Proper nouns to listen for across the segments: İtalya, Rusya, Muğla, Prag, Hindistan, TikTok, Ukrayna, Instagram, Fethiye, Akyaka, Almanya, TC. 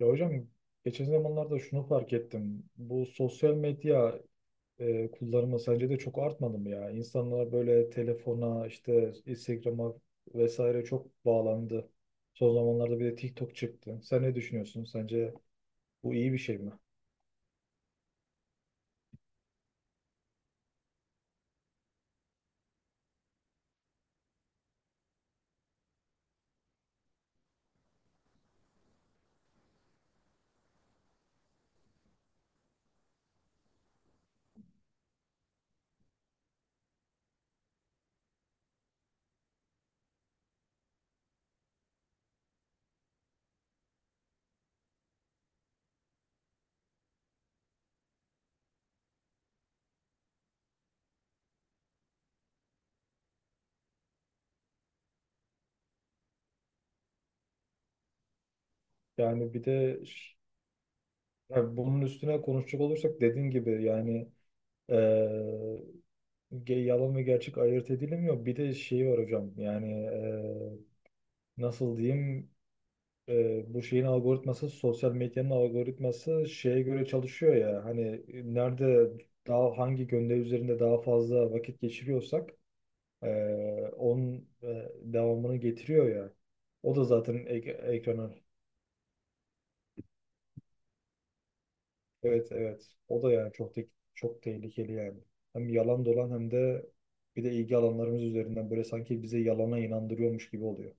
Ya hocam geçen zamanlarda şunu fark ettim. Bu sosyal medya kullanımı sence de çok artmadı mı ya? İnsanlar böyle telefona, işte Instagram'a vesaire çok bağlandı. Son zamanlarda bir de TikTok çıktı. Sen ne düşünüyorsun? Sence bu iyi bir şey mi? Yani bir de ş- Yani bunun üstüne konuşacak olursak dediğin gibi yani eee, Yalan ve gerçek ayırt edilemiyor. Bir de şey var hocam yani, nasıl diyeyim, bu şeyin algoritması sosyal medyanın algoritması şeye göre çalışıyor ya. Hani e, nerede daha hangi gönderi üzerinde daha fazla vakit geçiriyorsak e, onun devamını getiriyor ya. O da zaten ek ekranı. Evet, evet. O da yani çok tehlikeli yani. Hem yalan dolan hem de bir de ilgi alanlarımız üzerinden böyle sanki bize yalana inandırıyormuş gibi oluyor.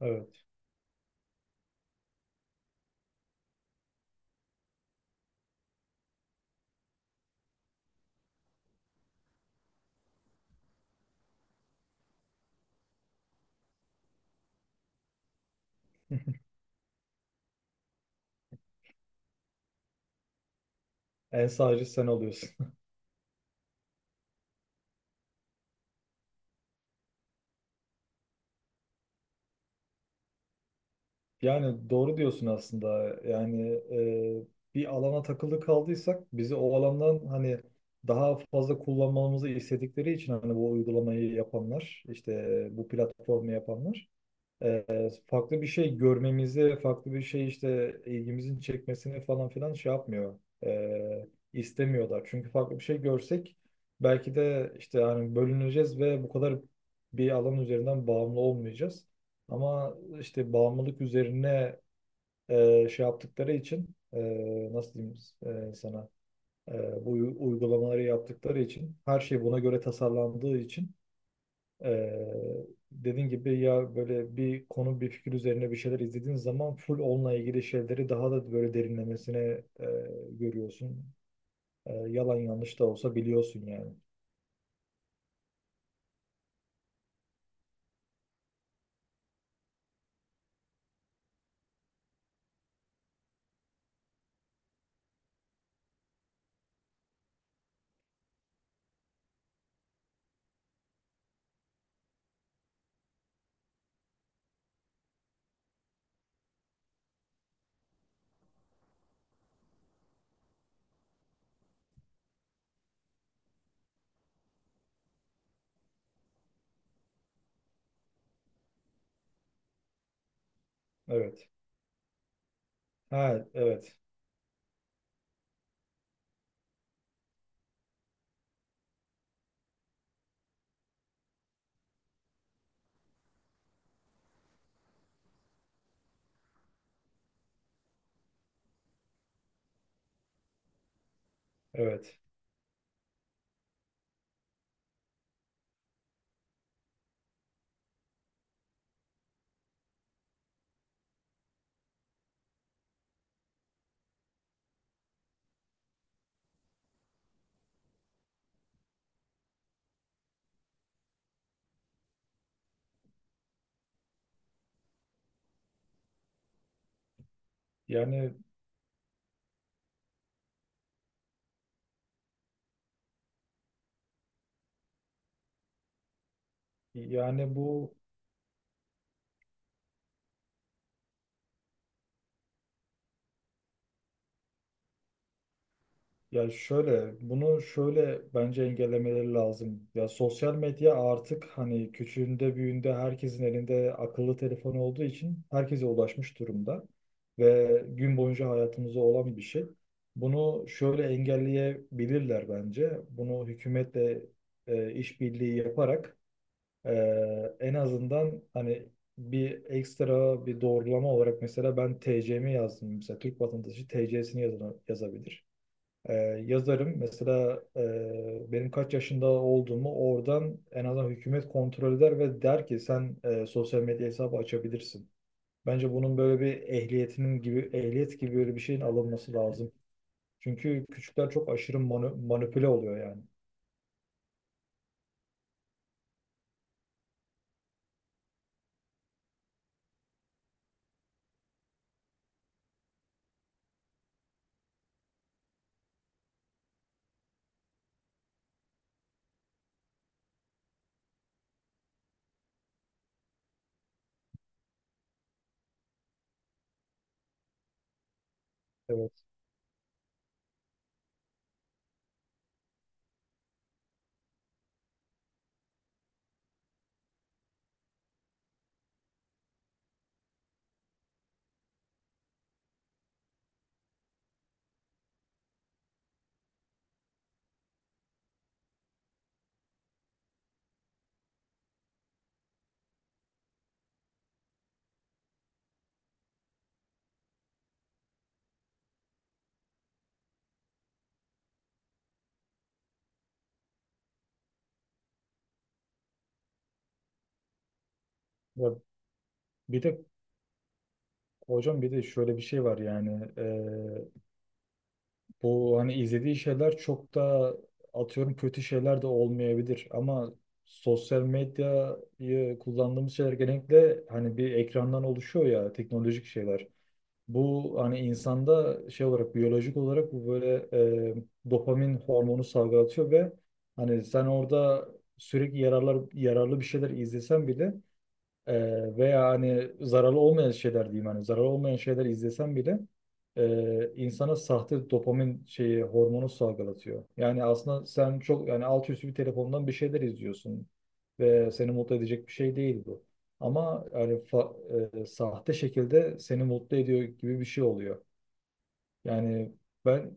Evet. En sağcı sen oluyorsun. Yani doğru diyorsun aslında. Yani bir alana takılı kaldıysak bizi o alandan hani daha fazla kullanmamızı istedikleri için, hani bu uygulamayı yapanlar, işte bu platformu yapanlar e, farklı bir şey görmemizi, farklı bir şey, işte ilgimizin çekmesini falan filan şey yapmıyor. E, istemiyorlar. Çünkü farklı bir şey görsek belki de işte hani bölüneceğiz ve bu kadar bir alan üzerinden bağımlı olmayacağız. Ama işte bağımlılık üzerine şey yaptıkları için, nasıl diyeyim, sana uygulamaları yaptıkları için her şey buna göre tasarlandığı için ee, dediğin gibi ya, böyle bir konu, bir fikir üzerine bir şeyler izlediğin zaman full onunla ilgili şeyleri daha da böyle derinlemesine e, görüyorsun. Yalan yanlış da olsa biliyorsun yani. Evet. Ha, evet. Evet. Yani yani bu Ya şöyle, bunu şöyle bence engellemeleri lazım. Ya sosyal medya artık hani küçüğünde büyüğünde herkesin elinde akıllı telefon olduğu için herkese ulaşmış durumda ve gün boyunca hayatımızda olan bir şey. Bunu şöyle engelleyebilirler bence. Bunu hükümetle işbirliği yaparak, e, en azından hani bir ekstra bir doğrulama olarak, mesela ben TC'mi yazdım, mesela Türk vatandaşı TC'sini yazabilir ee, yazarım. Mesela benim kaç yaşında olduğumu oradan en azından hükümet kontrol eder ve der ki sen sosyal medya hesabı açabilirsin. Bence bunun böyle bir ehliyetinin gibi ehliyet gibi böyle bir şeyin alınması lazım. Çünkü küçükler çok aşırı manipüle oluyor yani. Evet. Ya bir de hocam bir de şöyle bir şey var yani. Bu hani izlediği şeyler çok da, atıyorum, kötü şeyler de olmayabilir ama sosyal medyayı kullandığımız şeyler genellikle hani bir ekrandan oluşuyor ya, teknolojik şeyler. Bu hani insanda şey olarak, biyolojik olarak bu böyle dopamin hormonu salgılatıyor ve hani sen orada sürekli yararlı bir şeyler izlesen bile veya hani zararlı olmayan şeyler diyeyim, hani zararlı olmayan şeyler izlesem bile insana sahte dopamin şeyi, hormonu salgılatıyor. Yani aslında sen çok yani alt üstü bir telefondan bir şeyler izliyorsun ve seni mutlu edecek bir şey değil bu. Ama yani sahte şekilde seni mutlu ediyor gibi bir şey oluyor. Yani ben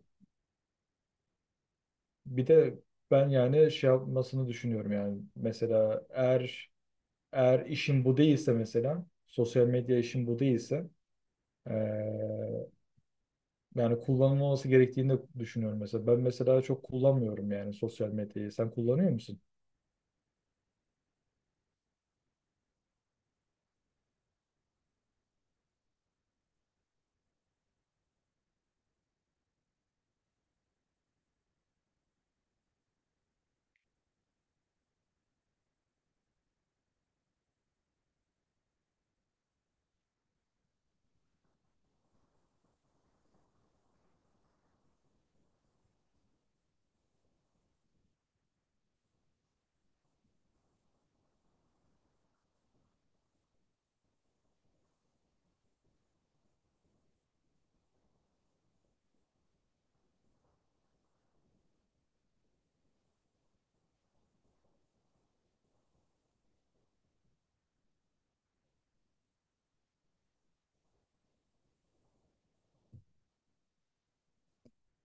bir de ben yani şey yapmasını düşünüyorum yani, mesela eğer işin bu değilse, mesela sosyal medya işin bu değilse, Ee, yani kullanılması gerektiğini de düşünüyorum mesela. Ben mesela çok kullanmıyorum yani sosyal medyayı. Sen kullanıyor musun?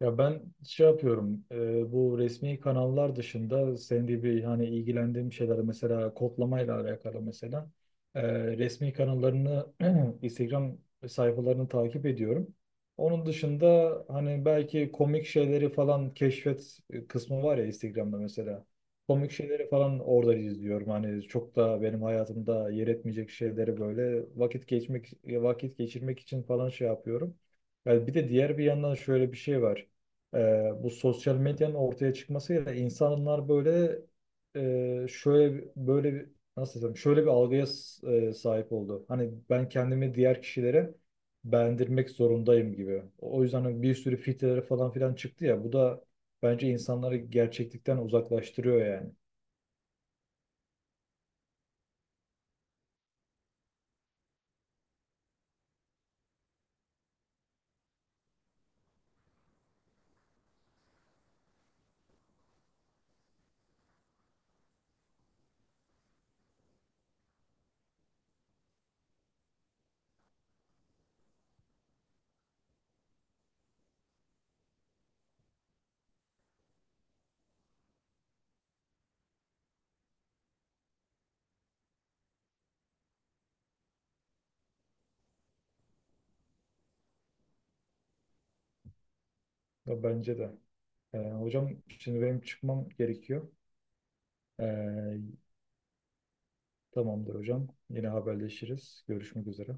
Ya ben şey yapıyorum, bu resmi kanallar dışında senin gibi hani ilgilendiğim şeyler, mesela kodlamayla alakalı mesela, e, resmi kanallarını Instagram sayfalarını takip ediyorum. Onun dışında hani belki komik şeyleri falan keşfet kısmı var ya Instagram'da mesela. Komik şeyleri falan orada izliyorum. Hani çok da benim hayatımda yer etmeyecek şeyleri böyle vakit geçirmek için falan şey yapıyorum. Yani bir de diğer bir yandan şöyle bir şey var. Bu sosyal medyanın ortaya çıkmasıyla insanlar böyle, e, şöyle böyle bir- nasıl desem, şöyle bir sahip oldu. Hani ben kendimi diğer kişilere beğendirmek zorundayım gibi. O yüzden hani bir sürü filtreler falan filan çıktı ya, bu da bence insanları gerçeklikten uzaklaştırıyor yani. Ya, bence de. Hocam şimdi benim çıkmam gerekiyor. Ee, Tamamdır hocam. Yine haberleşiriz. Görüşmek üzere.